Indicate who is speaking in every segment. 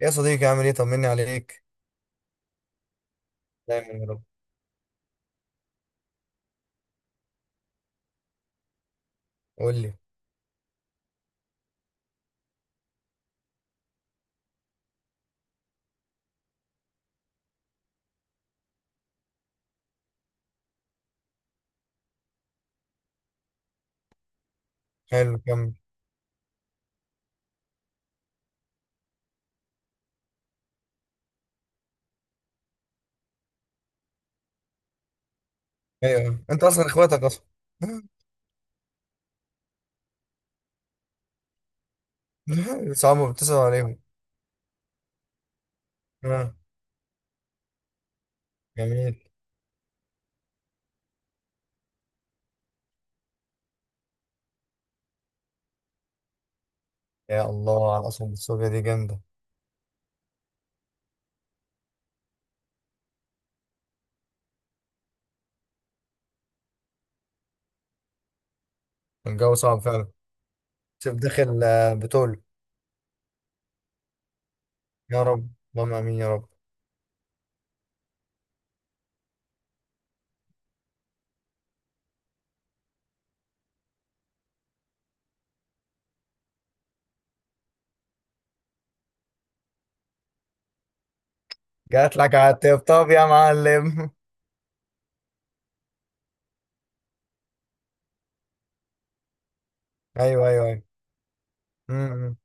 Speaker 1: يا صديقي عامل ايه؟ طمني عليك. دايما يا رب. قول لي. حلو، كمل. ايوه انت اصلا اخواتك اصلا. صعب، بتسأل عليهم؟ آه. جميل. يا الله على الاصل، السورية دي جامدة. الجو صعب فعلا. شوف داخل، بتقول. يا رب. اللهم امين يا رب. جات لك على الطبطاب يا معلم. ايوه ايوه ايوه. م- م.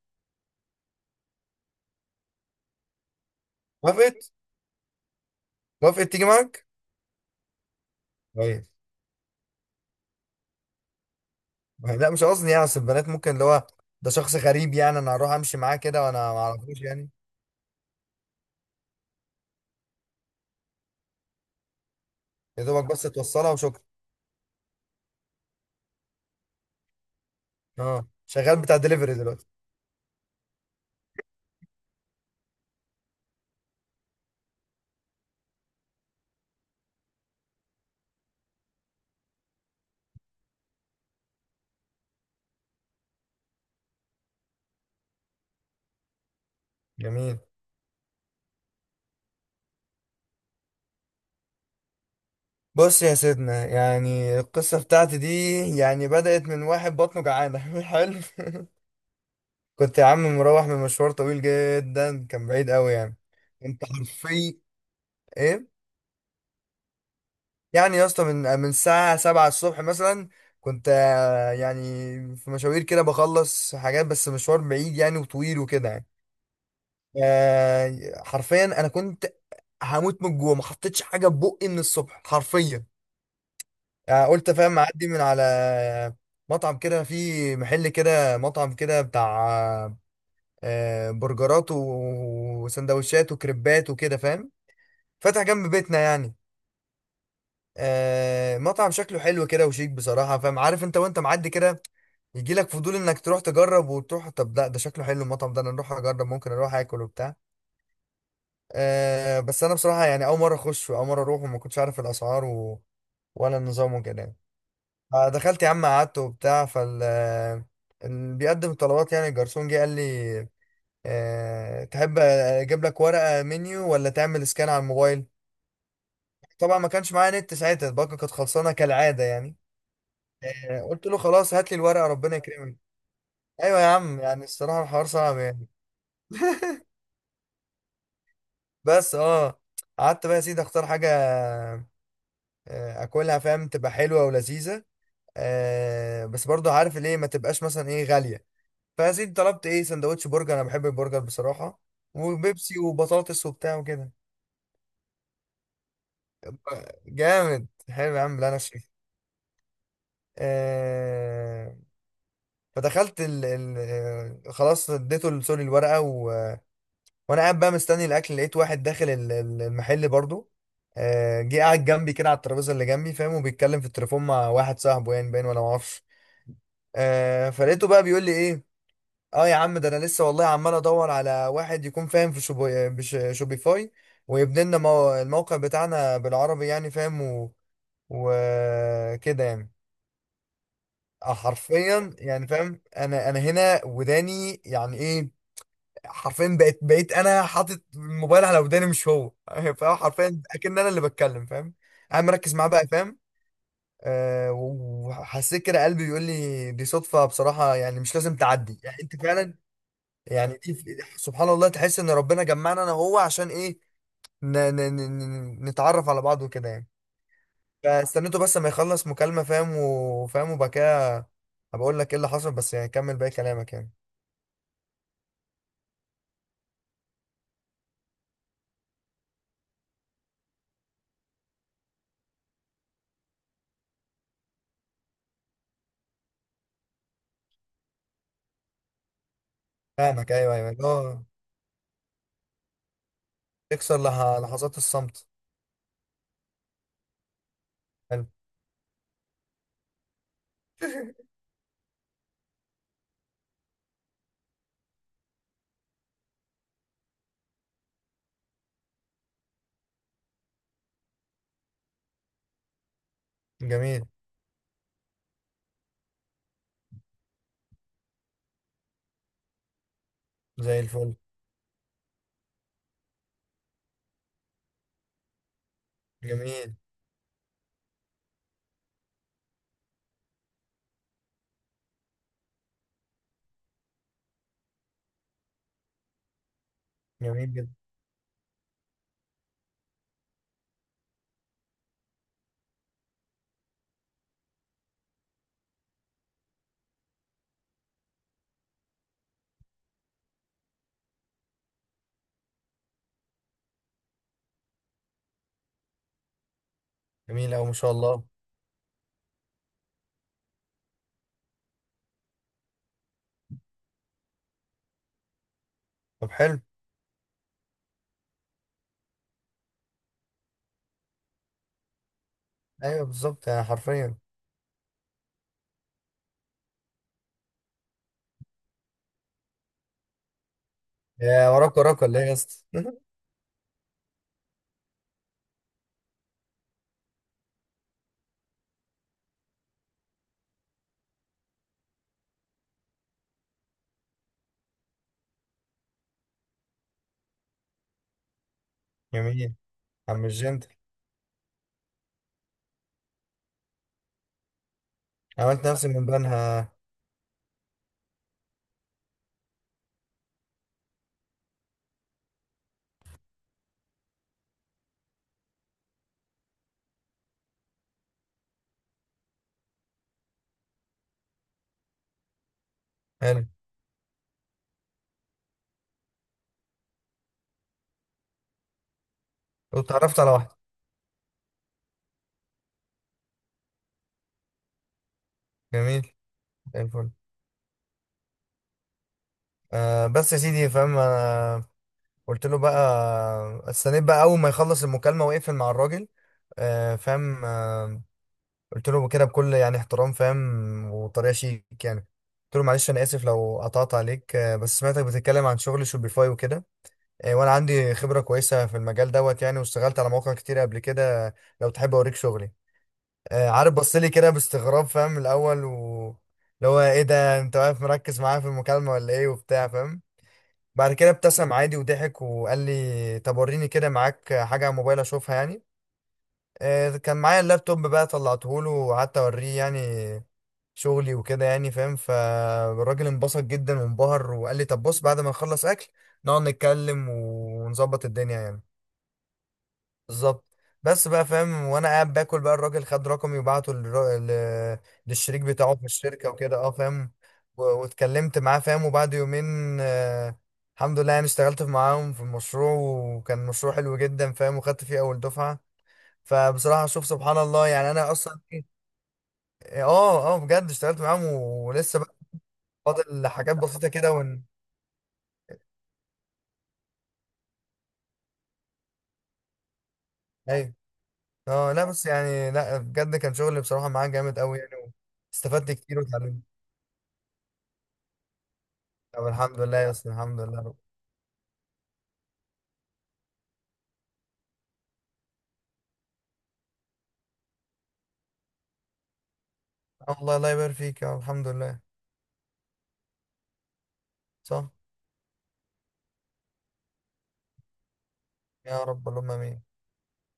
Speaker 1: وافقت. وافقت تيجي معاك. كويس. لا، مش قصدي يعني، اصل البنات ممكن اللي هو، ده شخص غريب يعني، انا هروح امشي معاه كده وانا ما اعرفوش يعني. يا دوبك بس توصلها وشكرا. اه، شغال بتاع دليفري دلوقتي؟ جميل. بص يا سيدنا، يعني القصة بتاعتي دي يعني بدأت من واحد بطنه جعانة. حلو. كنت يا عم مروح من مشوار طويل جدا، كان بعيد قوي يعني. انت حرفيا ايه يعني يا اسطى؟ من الساعة 7 الصبح مثلا كنت، يعني في مشاوير كده بخلص حاجات، بس مشوار بعيد يعني وطويل وكده يعني. حرفيا انا كنت هموت من الجوع، ما حطيتش حاجة في بقي من الصبح حرفيا. يعني قلت فاهم، معدي من على مطعم كده، فيه محل كده، مطعم كده بتاع برجرات و- وسندوتشات وكريبات وكده فاهم، فاتح جنب بيتنا يعني. مطعم شكله حلو كده وشيك بصراحة فاهم. عارف انت وانت معدي كده يجي لك فضول انك تروح تجرب، وتروح طب لا ده شكله حلو المطعم ده، انا اروح اجرب، ممكن اروح اكل وبتاع. بس انا بصراحة يعني اول مرة اخش واول مرة اروح، وما كنتش عارف الاسعار و، ولا النظام وكده يعني. دخلت يا عم، قعدت وبتاع، فال اللي بيقدم الطلبات يعني الجرسون جه قال لي، تحب اجيب لك ورقه منيو ولا تعمل سكان على الموبايل؟ طبعا ما كانش معايا نت ساعتها، الباقه كانت خلصانه كالعاده يعني. قلت له خلاص هات لي الورقه ربنا يكرمك. ايوه يا عم، يعني الصراحه الحوار صعب يعني. بس اه قعدت بقى يا سيدي اختار حاجه، اكلها فاهم تبقى حلوه ولذيذه، بس برضو عارف ليه ما تبقاش مثلا ايه غاليه. فيا سيدي طلبت ايه؟ سندوتش برجر، انا بحب البرجر بصراحه، وبيبسي وبطاطس وبتاع وكده. جامد، حلو يا عم. لا انا شايف. آه... فدخلت خلاص اديته سوري الورقه و، وانا قاعد بقى مستني الاكل، لقيت واحد داخل المحل برضو، جه قاعد جنبي كده على الترابيزه اللي جنبي فاهم، وبيتكلم في التليفون مع واحد صاحبه يعني، باين ولا معرفش. فلقيته بقى بيقول لي ايه، اه يا عم ده انا لسه والله عمال ادور على واحد يكون فاهم في شوبيفاي، ويبني لنا الموقع بتاعنا بالعربي يعني فاهم، و، وكده يعني. اه حرفيا يعني فاهم، انا هنا وداني يعني ايه. حرفيا بقيت انا حاطط الموبايل على وداني مش هو. فاهم، حرفيا اكن انا اللي بتكلم فاهم. انا مركز معاه بقى فاهم. آه، وحسيت كده قلبي بيقول لي دي صدفة بصراحة، يعني مش لازم تعدي يعني انت فعلا. يعني دي سبحان الله، تحس ان ربنا جمعنا انا وهو عشان ايه؟ نتعرف على بعض وكده يعني. فاستنيته بس ما يخلص مكالمة فاهم، وفاهم وبكاه. هبقول لك ايه اللي حصل، بس يعني كمل باقي كلامك يعني. فاهمك، ايوه ايوه، اللي هو تكسر لحظات الصمت. حلو. جميل. زي الفل. جميل. جميل جدا. جميل قوي ما شاء الله. طب حلو. ايوه بالظبط يعني حرفيا. يا وراك وراك ولا ايه يا اسطى؟ جميل. عم الجنت. عملت نفسي من بنها. حلو. واتعرفت على واحدة. جميل. زي الفل. آه بس يا سيدي فاهم انا قلت له بقى، استنيت بقى اول ما يخلص المكالمه ويقفل مع الراجل، فاهم، قلت له كده بكل يعني احترام فاهم، وطريقه شيك يعني. قلت له معلش انا اسف لو قطعت عليك، بس سمعتك بتتكلم عن شغل شوبيفاي وكده، وانا عندي خبره كويسه في المجال دوت يعني، واشتغلت على مواقع كتير قبل كده، لو تحب اوريك شغلي. عارف بص لي كده باستغراب فاهم الاول، و اللي هو ايه ده، انت واقف مركز معايا في المكالمه ولا ايه وبتاع فاهم. بعد كده ابتسم عادي وضحك وقال لي طب وريني كده معاك حاجة على موبايل اشوفها يعني. كان معايا اللابتوب بقى، طلعته له وقعدت اوريه يعني شغلي وكده يعني فاهم. فالراجل انبسط جدا وانبهر وقال لي طب بص، بعد ما نخلص اكل نقعد نتكلم ونظبط الدنيا يعني. بالظبط. بس بقى فاهم، وانا قاعد باكل بقى الراجل خد رقمي وبعته للشريك بتاعه في الشركه وكده، اه فاهم، و- واتكلمت معاه فاهم، وبعد يومين آه الحمد لله يعني اشتغلت معاهم في المشروع، وكان مشروع حلو جدا فاهم، وخدت فيه اول دفعه. فبصراحه شوف سبحان الله يعني انا اصلا اه اه بجد اشتغلت معاهم، و- ولسه بقى فاضل حاجات بسيطه كده ون... ايوه. اه لا بس يعني، لا بجد كان شغل بصراحه معاه جامد قوي يعني، استفدت كتير وتعلمت. طب الحمد لله يا اسطى، الحمد لله رب. آه والله، الله يبارك فيك يا رب، الحمد لله. صح. يا رب اللهم امين.